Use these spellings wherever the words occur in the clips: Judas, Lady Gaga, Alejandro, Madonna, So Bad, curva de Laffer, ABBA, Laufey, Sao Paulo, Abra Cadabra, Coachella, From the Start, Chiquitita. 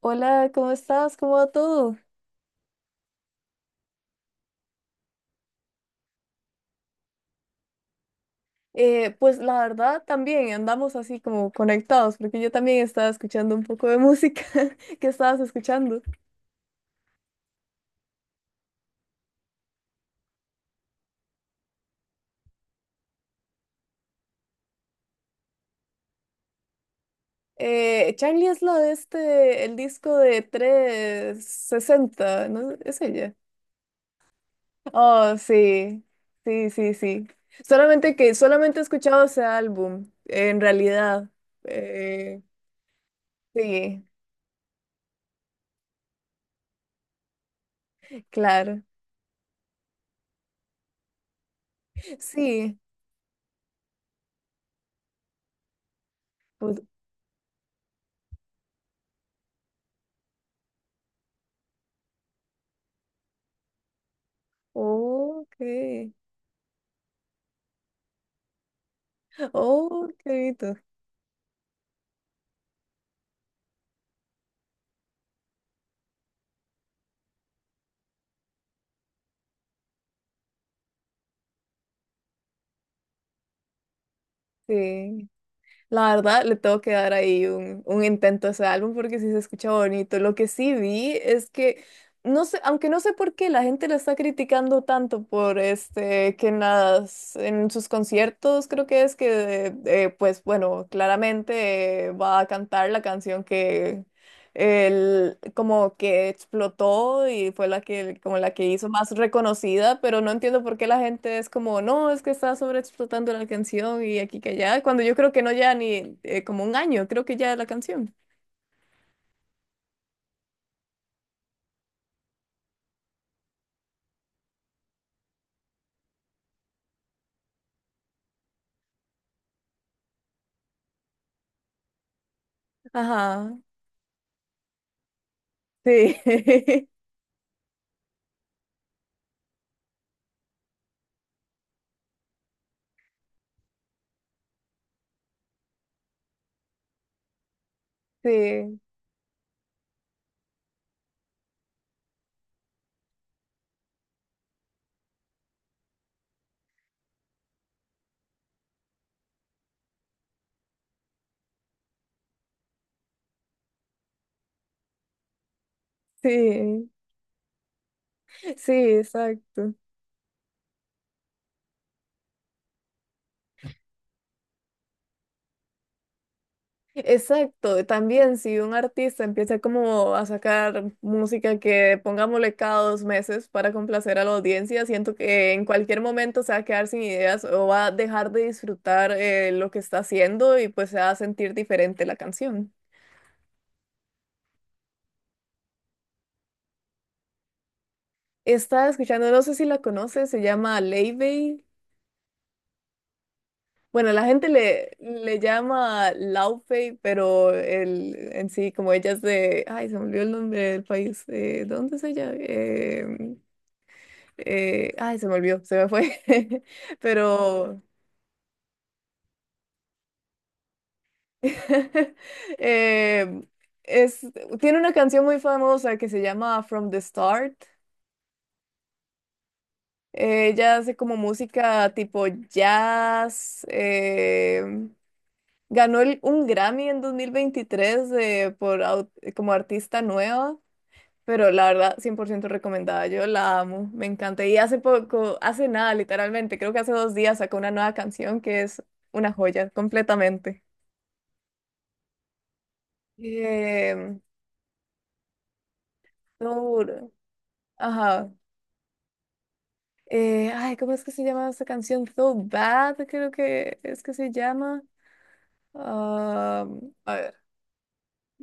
Hola, ¿cómo estás? ¿Cómo va todo? Pues la verdad también andamos así como conectados, porque yo también estaba escuchando un poco de música que estabas escuchando. Charlie es la de el disco de 360, ¿no? ¿Es ella? Oh, sí, sí, sí, sí. Solamente he escuchado ese álbum, en realidad. Eh, sí, claro. Sí, pues, oh, ok. Oh, qué bonito. Sí, la verdad le tengo que dar ahí un intento a ese álbum porque sí se escucha bonito. Lo que sí vi es no sé, aunque no sé por qué la gente lo está criticando tanto por que en en sus conciertos creo que es pues bueno, claramente va a cantar la canción el, como que explotó y fue la que, como la que hizo más reconocida, pero no entiendo por qué la gente es como, no, es que está sobreexplotando la canción y aquí que allá, cuando yo creo que no ya ni como un año, creo que ya la canción. Ajá, sí, sí, sí, sí, exacto. Exacto, también si un artista empieza como a sacar música que pongámosle cada dos meses para complacer a la audiencia, siento que en cualquier momento se va a quedar sin ideas o va a dejar de disfrutar lo que está haciendo y pues se va a sentir diferente la canción. Estaba escuchando, no sé si la conoces, se llama Laufey. Bueno, la gente le llama Laufey, pero el, en sí, como ella es de, ay, se me olvidó el nombre del país, ¿dónde es ella? Ay, se me olvidó, se me fue. Pero eh, es, tiene una canción muy famosa que se llama From the Start. Ella hace como música tipo jazz. Ganó el- un Grammy en 2023 de- por, au- como artista nueva. Pero la verdad, 100% recomendada. Yo la amo, me encanta. Y hace poco, hace nada, literalmente, creo que hace 2 días sacó una nueva canción que es una joya, completamente. Eh, Thor, ajá. Ay, ¿cómo es que se llama esa canción? So Bad, creo que es que se llama. Ah, a ver,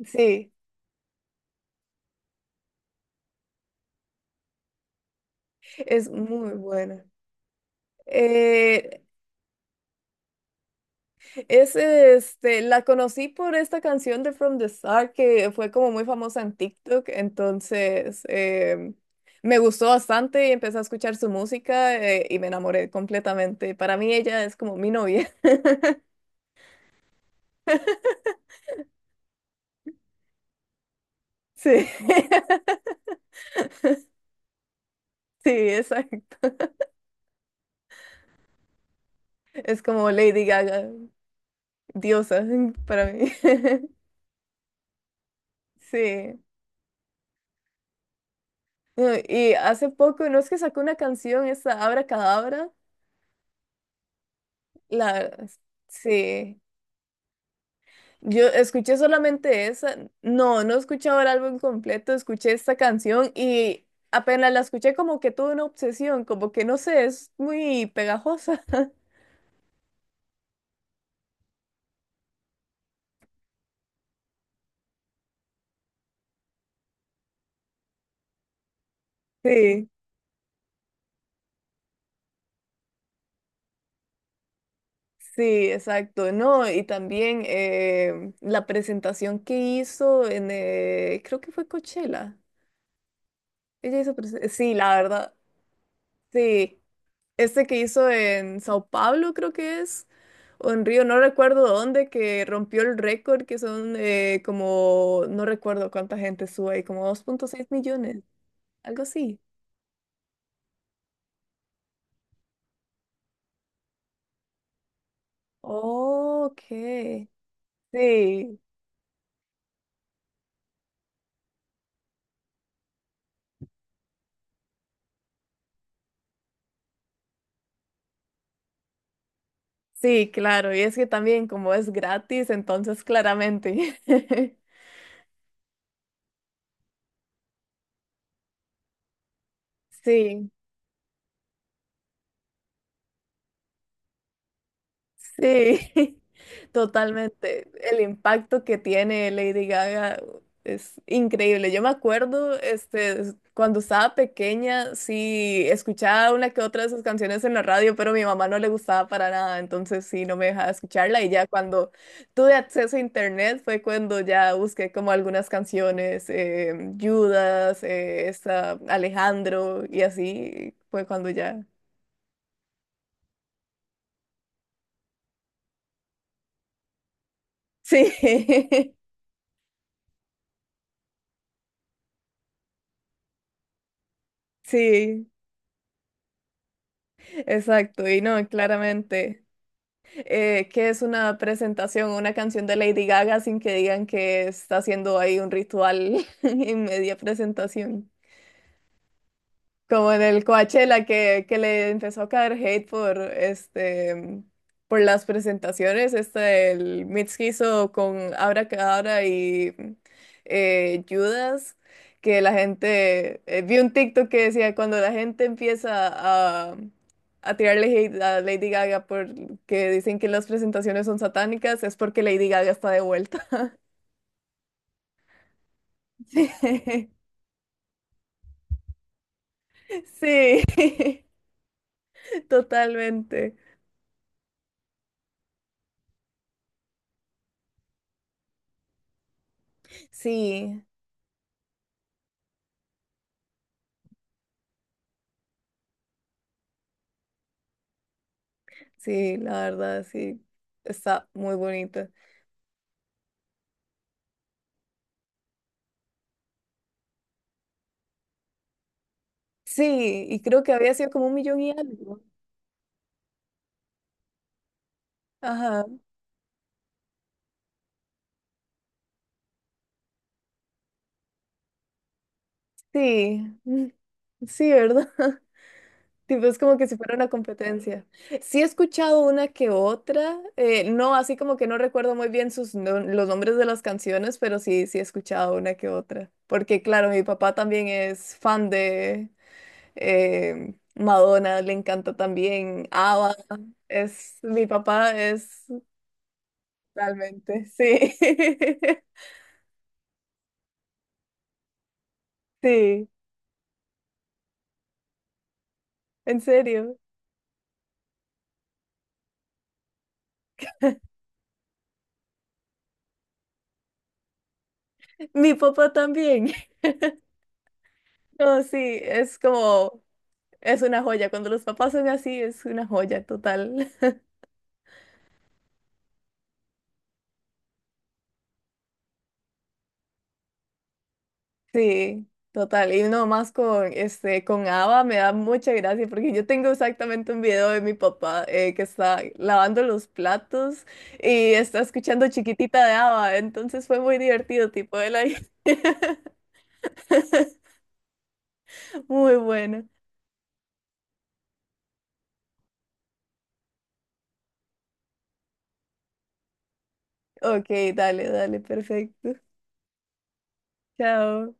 sí, es muy buena. Eh, es este, la conocí por esta canción de From the Star que fue como muy famosa en TikTok, entonces me gustó bastante y empecé a escuchar su música y me enamoré completamente. Para mí ella es como mi novia. Sí, sí, exacto. Es como Lady Gaga, diosa para mí. Sí. No, y hace poco, no es que sacó una canción, esa Abra Cadabra. La, sí. Yo escuché solamente esa. No, no he escuchado el álbum completo, escuché esta canción y apenas la escuché como que tuve una obsesión, como que no sé, es muy pegajosa. Sí, sí, exacto, ¿no? Y también la presentación que hizo creo que fue Coachella. Ella hizo prese- sí, la verdad. Sí. Este que hizo en Sao Paulo, creo que es. O en Río, no recuerdo dónde, que rompió el récord, que son como, no recuerdo cuánta gente sube ahí, como 2,6 millones, algo así. Ok. Sí, sí, claro. Y es que también como es gratis, entonces claramente. Sí. Sí, totalmente. El impacto que tiene Lady Gaga es increíble. Yo me acuerdo, este, es- cuando estaba pequeña, sí, escuchaba una que otra de sus canciones en la radio, pero a mi mamá no le gustaba para nada, entonces sí, no me dejaba escucharla. Y ya cuando tuve acceso a internet fue cuando ya busqué como algunas canciones, Judas, esta, Alejandro, y así fue cuando ya. Sí, sí. Exacto, y no, claramente. ¿Que es una presentación, una canción de Lady Gaga sin que digan que está haciendo ahí un ritual en media presentación? Como en el Coachella que le empezó a caer hate por este por las presentaciones. Este el mix que hizo con Abracadabra y Judas, que la gente vi un TikTok que decía cuando la gente empieza a, a tirarle hate a Lady Gaga porque dicen que las presentaciones son satánicas, es porque Lady Gaga está de vuelta. Sí, sí, totalmente. Sí. Sí, la verdad, sí, está muy bonito. Sí, y creo que había sido como un millón y algo. Ajá, sí, mm, sí, ¿verdad? Tipo, es como que si fuera una competencia. Sí he escuchado una que otra, no, así como que no recuerdo muy bien sus, no- los nombres de las canciones, pero sí, sí he escuchado una que otra. Porque claro, mi papá también es fan de Madonna, le encanta también ABBA. Es, mi papá es realmente, sí. Sí, en serio. Mi papá también. No, sí, es como, es una joya. Cuando los papás son así, es una joya total. Sí, total. Y no más con, este, con Ava me da mucha gracia porque yo tengo exactamente un video de mi papá que está lavando los platos y está escuchando Chiquitita de Ava. Entonces fue muy divertido, tipo, él ahí. Muy bueno. Ok, dale, dale, perfecto. Chao.